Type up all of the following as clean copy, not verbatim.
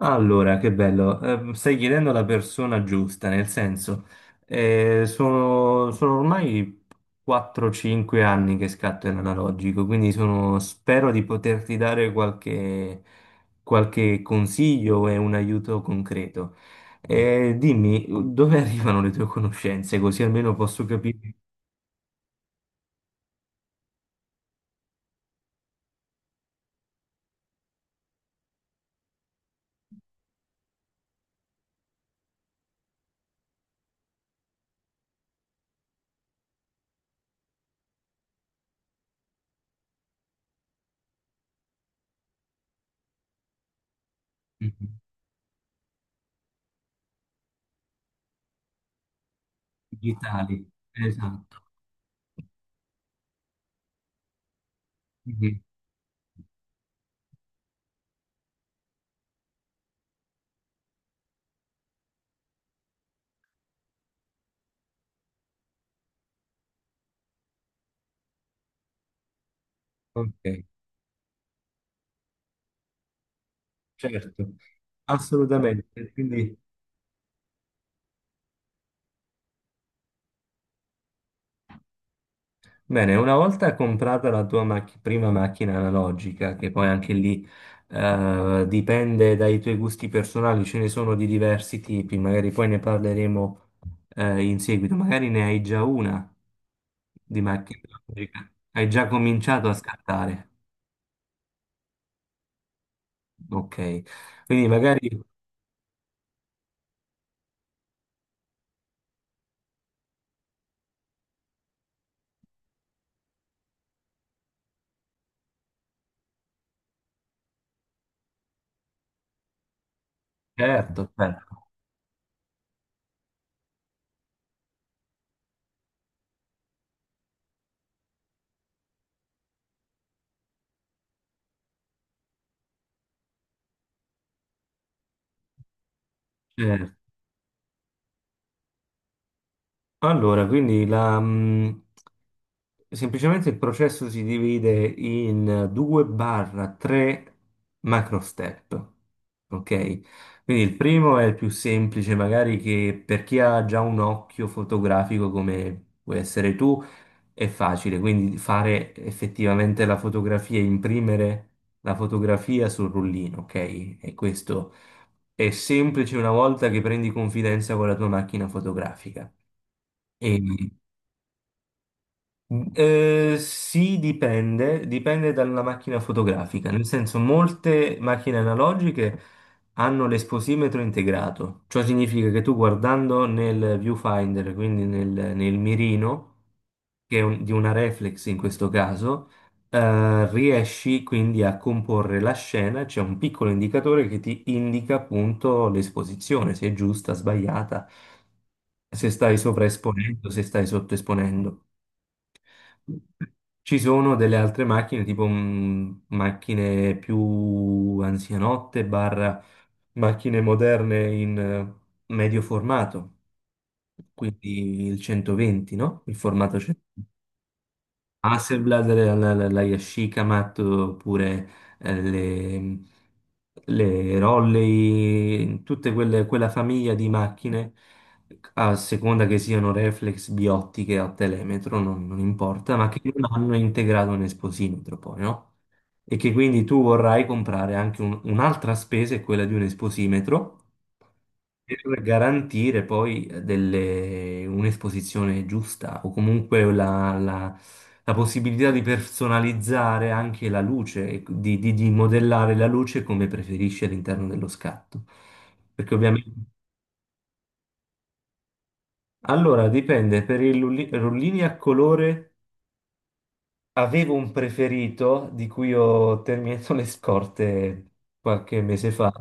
Allora, che bello, stai chiedendo la persona giusta, nel senso, sono ormai 4-5 anni che scatto in analogico, quindi spero di poterti dare qualche consiglio e un aiuto concreto. Dimmi, dove arrivano le tue conoscenze, così almeno posso capire i digitali. Esatto. Mhm. Ok, certo, assolutamente. Quindi. Bene, una volta comprata la tua prima macchina analogica, che poi anche lì dipende dai tuoi gusti personali, ce ne sono di diversi tipi, magari poi ne parleremo in seguito, magari ne hai già una di macchina analogica, hai già cominciato a scattare, ok, quindi magari, certo, certo, certo. Allora, quindi semplicemente il processo si divide in 2 barra 3 macro step, ok? Quindi il primo è il più semplice, magari che per chi ha già un occhio fotografico come puoi essere tu, è facile, quindi fare effettivamente la fotografia, imprimere la fotografia sul rullino, ok? E questo è semplice una volta che prendi confidenza con la tua macchina fotografica. Mm. Sì, dipende dalla macchina fotografica, nel senso molte macchine analogiche hanno l'esposimetro integrato, ciò significa che tu guardando nel viewfinder, quindi nel mirino, che è di una reflex in questo caso, riesci quindi a comporre la scena, c'è un piccolo indicatore che ti indica appunto l'esposizione, se è giusta, sbagliata, se stai, Ok, sovraesponendo, se stai sottoesponendo. Ci sono delle altre macchine, tipo macchine più anzianotte, barra macchine moderne in medio formato, quindi il 120, no? Il formato 120. Hasselblad, la Yashikamat, oppure eh, le, le Rolley, tutte quelle, quella famiglia di macchine, a seconda che siano reflex, biottiche o telemetro, non importa, ma che non hanno integrato un esposimetro poi, no? E che quindi tu vorrai comprare anche un'altra spesa, è quella di un esposimetro, per garantire poi un'esposizione giusta o comunque la possibilità di personalizzare anche la luce, e di modellare la luce come preferisci all'interno dello scatto. Perché ovviamente. Allora, dipende, per i rullini a colore. Avevo un preferito di cui ho terminato le scorte qualche mese fa,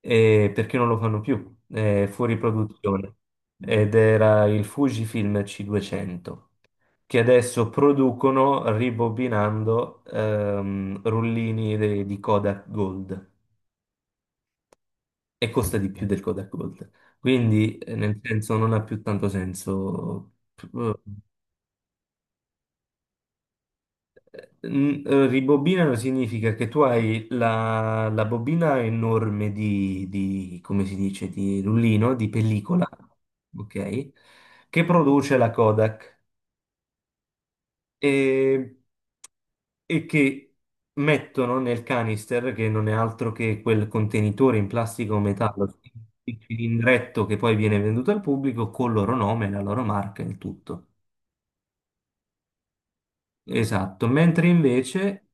perché non lo fanno più, è fuori produzione, ed era il Fujifilm C200, che adesso producono ribobinando rullini di Kodak Gold e costa di più del Kodak Gold. Quindi, nel senso, non ha più tanto senso. eh, Ribobinano significa che tu hai la bobina enorme di, come si dice, di rullino, di pellicola, ok? Che produce la Kodak e, e che mettono nel canister, che non è altro che quel contenitore in plastica o metallo, il cilindretto che poi viene venduto al pubblico, col loro nome, la loro marca e il tutto. Esatto, mentre invece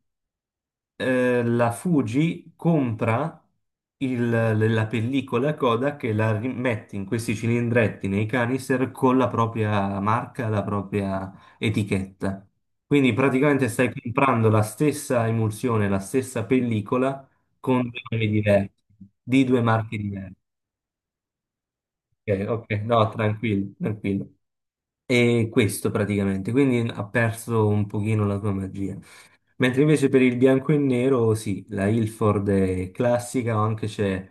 la Fuji compra il- la pellicola Kodak e la rimette in questi cilindretti nei canister con la propria marca, la propria etichetta. Quindi praticamente stai comprando la stessa emulsione, la stessa pellicola con due nomi diversi, di due marche diverse. Ok, ok, no, tranquillo, tranquillo. E questo praticamente, quindi ha perso un pochino la sua magia. Mentre invece per il bianco e nero, sì, la Ilford è classica, o anche c'è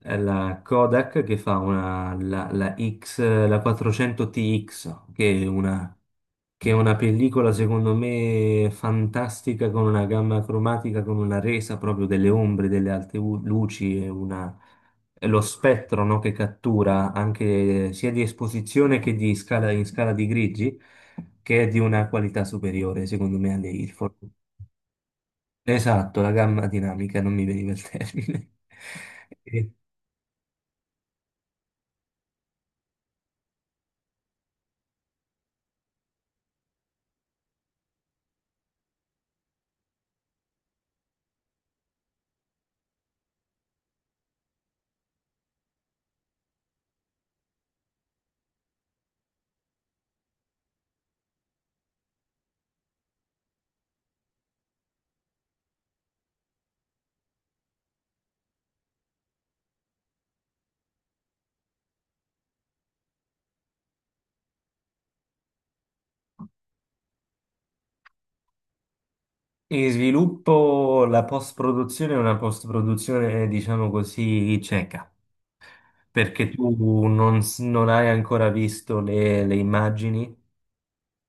la Kodak che fa la X, la 400TX, che è una pellicola secondo me fantastica con una gamma cromatica, con una resa proprio delle ombre, delle alte luci e una lo spettro, no, che cattura anche sia di esposizione che di scala in scala di grigi, che è di una qualità superiore, secondo me, alle Ilford. Esatto, la gamma dinamica, non mi veniva il termine. E- In sviluppo, la post-produzione è una post-produzione, diciamo così, cieca, perché tu non hai ancora visto le immagini.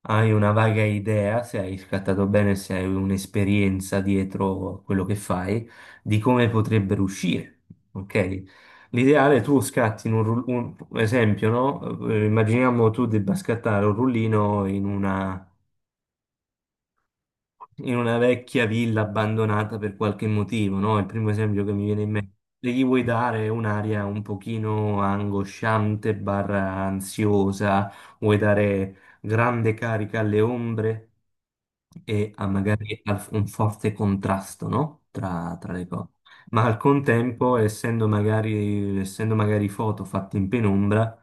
Hai una vaga idea, se hai scattato bene, se hai un'esperienza dietro quello che fai, di come potrebbero uscire. Ok? L'ideale è tu scatti in un esempio, no? Immaginiamo tu debba scattare un rullino in una vecchia villa abbandonata per qualche motivo, no? Il primo esempio che mi viene in mente. E gli vuoi dare un'aria un pochino angosciante, barra ansiosa, vuoi dare grande carica alle ombre e ha magari un forte contrasto, no? Tra le cose. Ma al contempo, essendo magari foto fatte in penombra,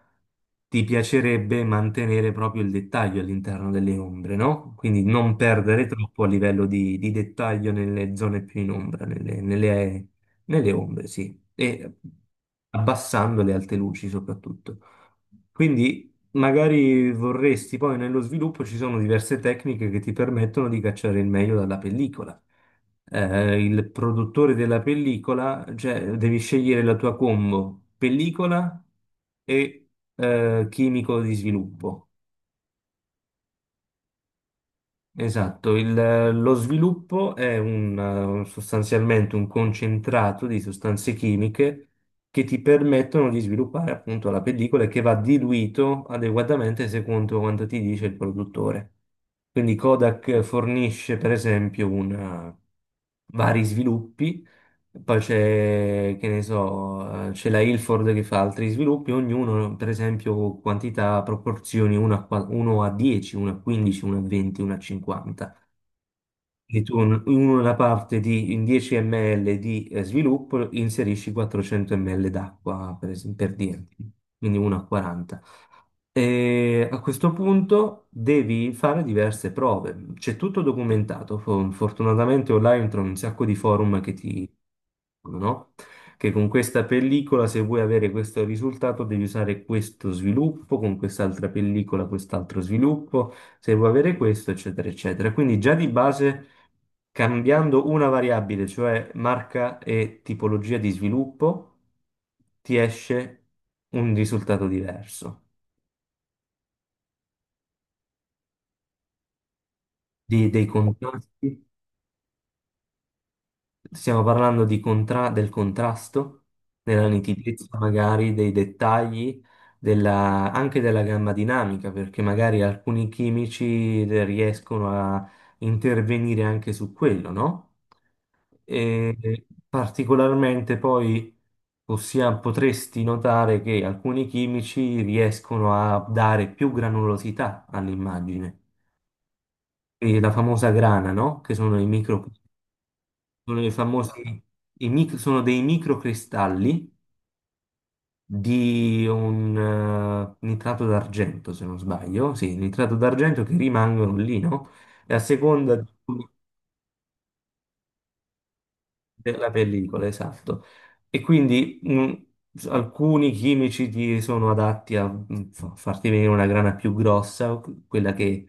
ti piacerebbe mantenere proprio il dettaglio all'interno delle ombre, no? Quindi non perdere troppo a livello di dettaglio nelle zone più in ombra, nelle ombre, sì, e abbassando le alte luci soprattutto. Quindi magari vorresti, poi nello sviluppo ci sono diverse tecniche che ti permettono di cacciare il meglio dalla pellicola. Il produttore della pellicola, cioè devi scegliere la tua combo, pellicola e chimico di sviluppo. Esatto, lo sviluppo è sostanzialmente un concentrato di sostanze chimiche che ti permettono di sviluppare appunto la pellicola e che va diluito adeguatamente secondo quanto ti dice il produttore. Quindi Kodak fornisce per esempio vari sviluppi, poi c'è, che ne so, c'è la Ilford che fa altri sviluppi, ognuno, per esempio, quantità, proporzioni 1 a 10, 1 a 15, 1 a 20, 1 a 50. Quindi tu in una parte di in 10 ml di sviluppo inserisci 400 ml d'acqua, per esempio, per dirti, quindi 1 a 40. E a questo punto devi fare diverse prove. C'è tutto documentato. Fortunatamente online trovi un sacco di forum che ti, no? Che con questa pellicola, se vuoi avere questo risultato, devi usare questo sviluppo, con quest'altra pellicola, quest'altro sviluppo, se vuoi avere questo, eccetera, eccetera. Quindi già di base cambiando una variabile, cioè marca e tipologia di sviluppo, ti esce un risultato diverso. Dei contrasti, stiamo parlando del contrasto, della nitidezza magari, dei dettagli, anche della gamma dinamica, perché magari alcuni chimici riescono a intervenire anche su quello, no? E particolarmente poi potresti notare che alcuni chimici riescono a dare più granulosità all'immagine. E la famosa grana, no? Che sono i micro, sono i famosi, sono dei microcristalli di un nitrato d'argento, se non sbaglio, sì, nitrato d'argento che rimangono lì, no? E a seconda di della pellicola, esatto. E quindi alcuni chimici ti sono adatti a farti venire una grana più grossa, quella che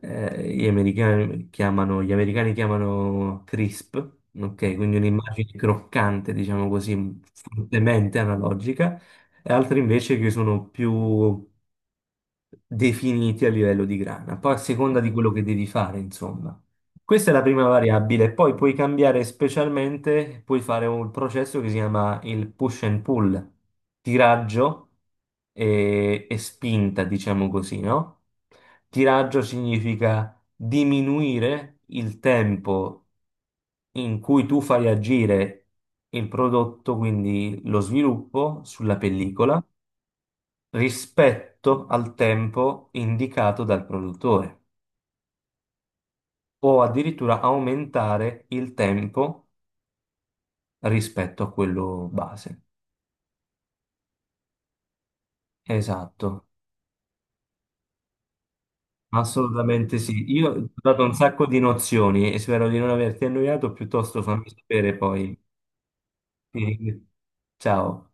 gli americani chiamano crisp, ok? Quindi un'immagine croccante, diciamo così, fortemente analogica, e altri invece che sono più definiti a livello di grana. Poi a seconda di quello che devi fare, insomma. Questa è la prima variabile, poi puoi cambiare specialmente, puoi fare un processo che si chiama il push and pull, tiraggio e spinta, diciamo così, no? Tiraggio significa diminuire il tempo in cui tu fai agire il prodotto, quindi lo sviluppo sulla pellicola, rispetto al tempo indicato dal produttore, o addirittura aumentare il tempo rispetto a quello base. Esatto, assolutamente sì. Io ti ho dato un sacco di nozioni e spero di non averti annoiato, piuttosto fammi sapere poi. Ciao.